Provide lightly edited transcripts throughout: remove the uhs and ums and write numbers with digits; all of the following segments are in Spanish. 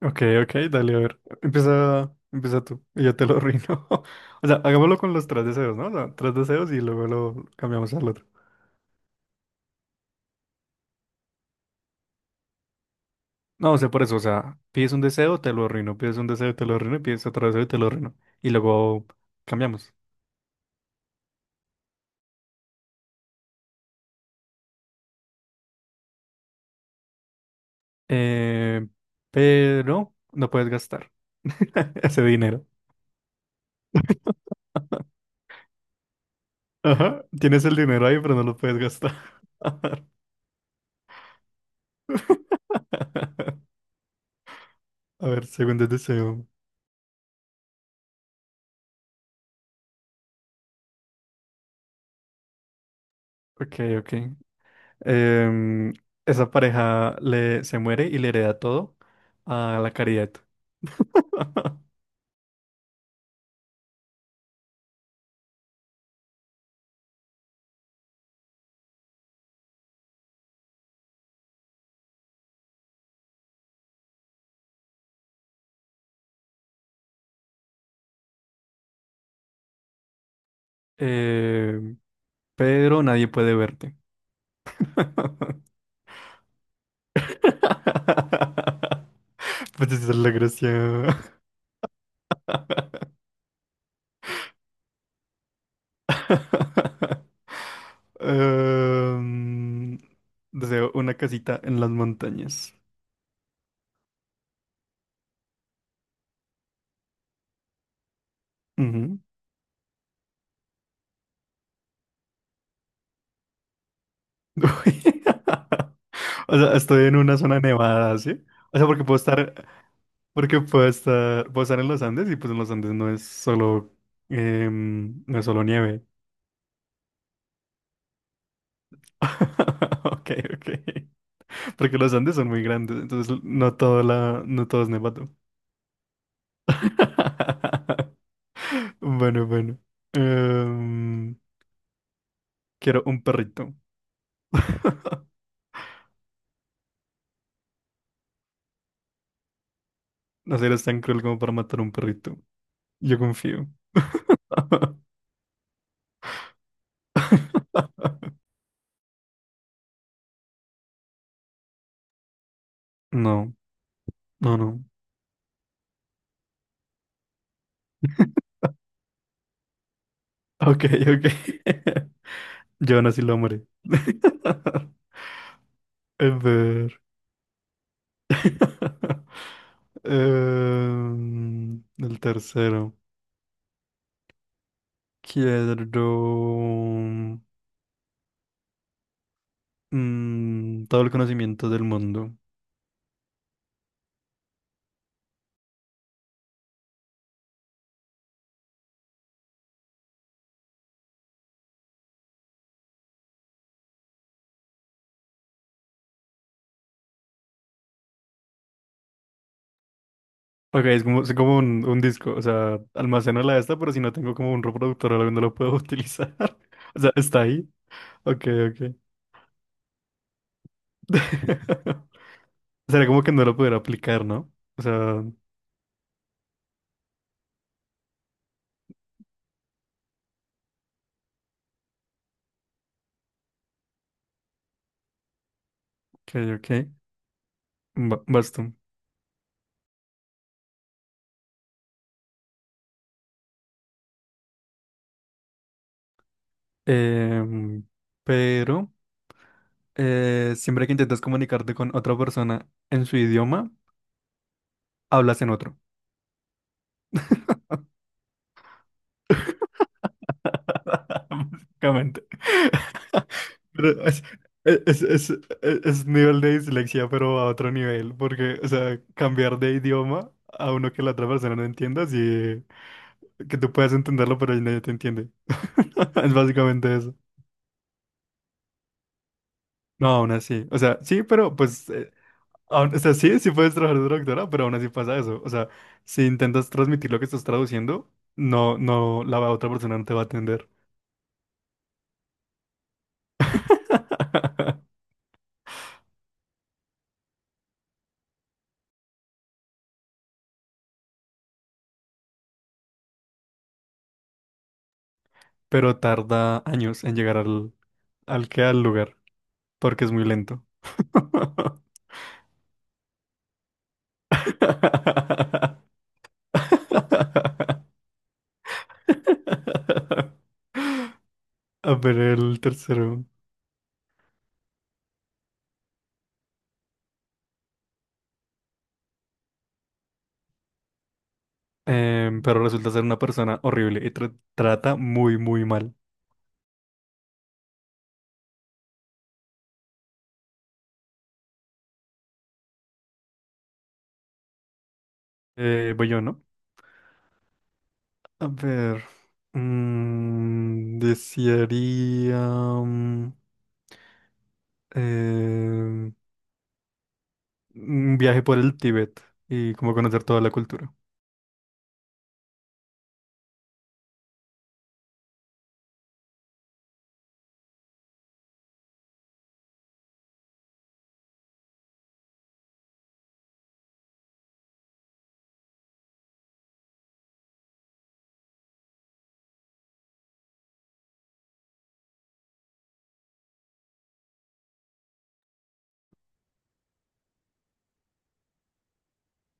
Ok, ok, dale, a ver. Empieza, tú y yo te lo arruino. O sea, hagámoslo con los tres deseos, ¿no? O sea, tres deseos y luego lo cambiamos al otro. No, o sea, por eso, o sea, pides un deseo, te lo arruino, pides un deseo, te lo arruino, y pides otro deseo y te lo arruino. Y luego cambiamos. Eh, pero no puedes gastar ese dinero. Ajá, tienes el dinero ahí, pero no lo puedes gastar. A ver, segundo deseo. Ok, ok. Em, Esa pareja se muere y le hereda todo a la caridad. Em, pero nadie puede verte. Pues esa es la gracia. Em, Deseo una casita en las montañas. Ujú. O sea, estoy en una zona nevada, ¿sí? O sea, porque puedo estar Porque puedo estar, en los Andes y pues en los Andes no es solo, no es solo nieve. Ok, ok. Porque los Andes son muy grandes, entonces no todo es nevado. Bueno, bueno. Em, Quiero un perrito. No eres tan cruel como para matar un perrito. Yo confío. No, no, no. Ok, ok. Yo aún así lo amaré. A ver. El tercero. Quiero todo el conocimiento del mundo. Ok, es como un disco. O sea, almaceno la esta, pero si no tengo como un reproductor o algo, no lo puedo utilizar. O sea, está ahí. Ok, ok. Sería como que no lo pudiera aplicar, ¿no? O sea, ok, ok. Basto. Em, pero siempre que intentas comunicarte con otra persona en su idioma, hablas en otro. Básicamente. Pero es, es, es, es- es nivel de dislexia, pero a otro nivel, porque, o sea, cambiar de idioma a uno que la otra persona no entienda, sí, que tú puedas entenderlo, pero nadie te entiende. Es básicamente eso. No, aún así. O sea, sí, pero pues, o sea, sí, puedes trabajar de traductora, pero aún así pasa eso. O sea, si intentas transmitir lo que estás traduciendo, no, la otra persona no te va a atender. Pero tarda años en llegar al que al lugar. Porque es muy lento. A ver, el tercero. Pero resulta ser una persona horrible y trata muy, muy mal. Voy yo, ¿no? A ver. Desearía em, un viaje por el Tíbet y como conocer toda la cultura.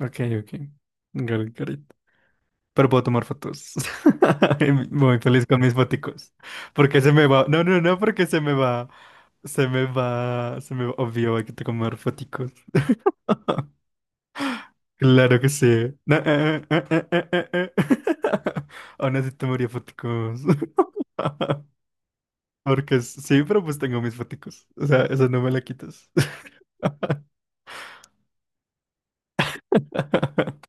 Ok, ok. Got it, got it. Pero puedo tomar fotos. Y muy feliz con mis foticos. Porque se me va. No, no, no, porque se me va. Se me va. Se me va. Obvio, hay que tomar foticos. Claro que sí. No, Aún así tomaría foticos. Porque sí, pero pues tengo mis foticos. O sea, eso no me la quitas.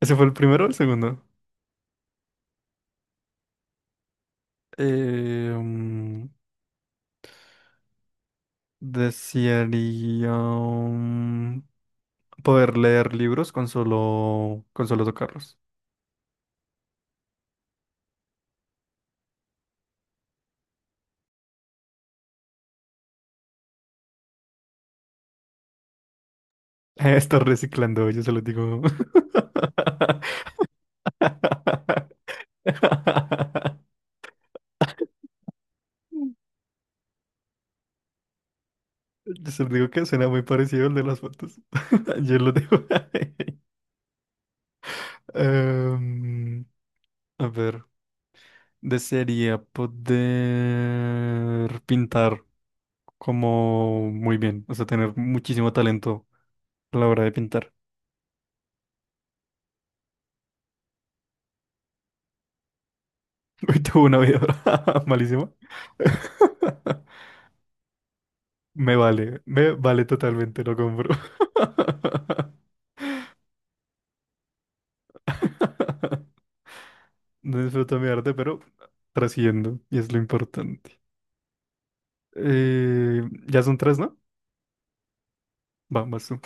¿Ese fue el primero o el segundo? Eh, mm, Desearía. Poder leer libros con solo tocarlos. Estoy reciclando, yo se lo digo. Yo se lo digo que suena muy parecido al de las fotos. Yo lo digo. Em, a ver, desearía poder pintar como muy bien, o sea, tener muchísimo talento a la hora de pintar. Hoy tuve una vida malísima. Me vale totalmente, lo compro. No disfruto mi arte, pero trasciendo, y es lo importante. Ya son tres, ¿no? Vamos tú.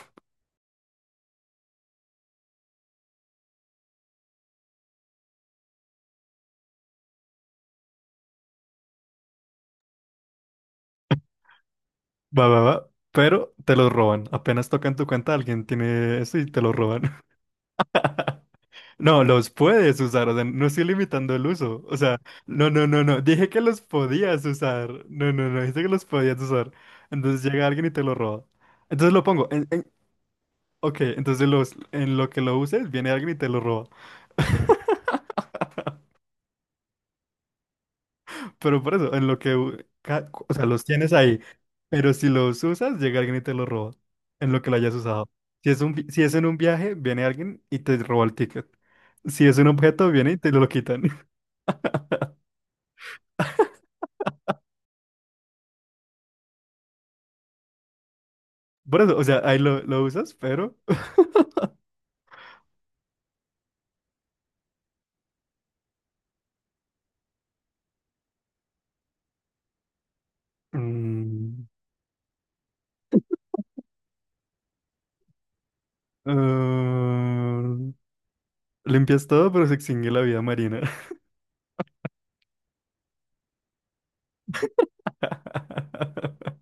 Va, va, va. Pero te los roban. Apenas tocan tu cuenta, alguien tiene eso y te lo roban. No, los puedes usar. O sea, no estoy limitando el uso. O sea, no, no, no, no. Dije que los podías usar. No, no, no. Dije que los podías usar. Entonces llega alguien y te lo roba. Entonces lo pongo. Ok, entonces en lo que lo uses, viene alguien y te lo roba. Pero por eso, en lo que, o sea, los tienes ahí. Pero si los usas, llega alguien y te lo roba. En lo que lo hayas usado. Si es en un viaje, viene alguien y te roba el ticket. Si es un objeto, viene y te lo quitan. Por eso, o sea, ahí lo usas, pero... mm, ah, limpias todo, pero se extingue la vida marina.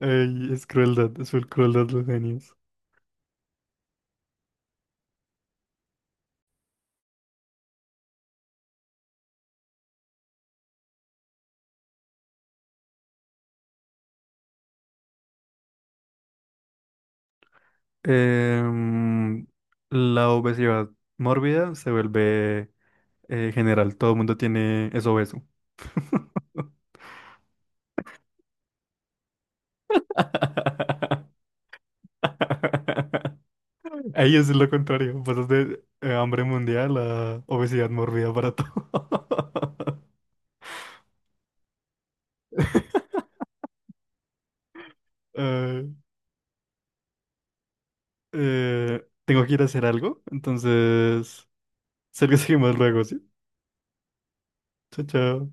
Ey, es crueldad, es full crueldad los genios. Em, la obesidad mórbida se vuelve general, todo el mundo tiene es obeso. Ahí es lo contrario, pasas de hambre mundial a obesidad mórbida para todo. Eh, Tengo que ir a hacer algo, entonces, sé que seguimos luego, ¿sí? Chao, chao.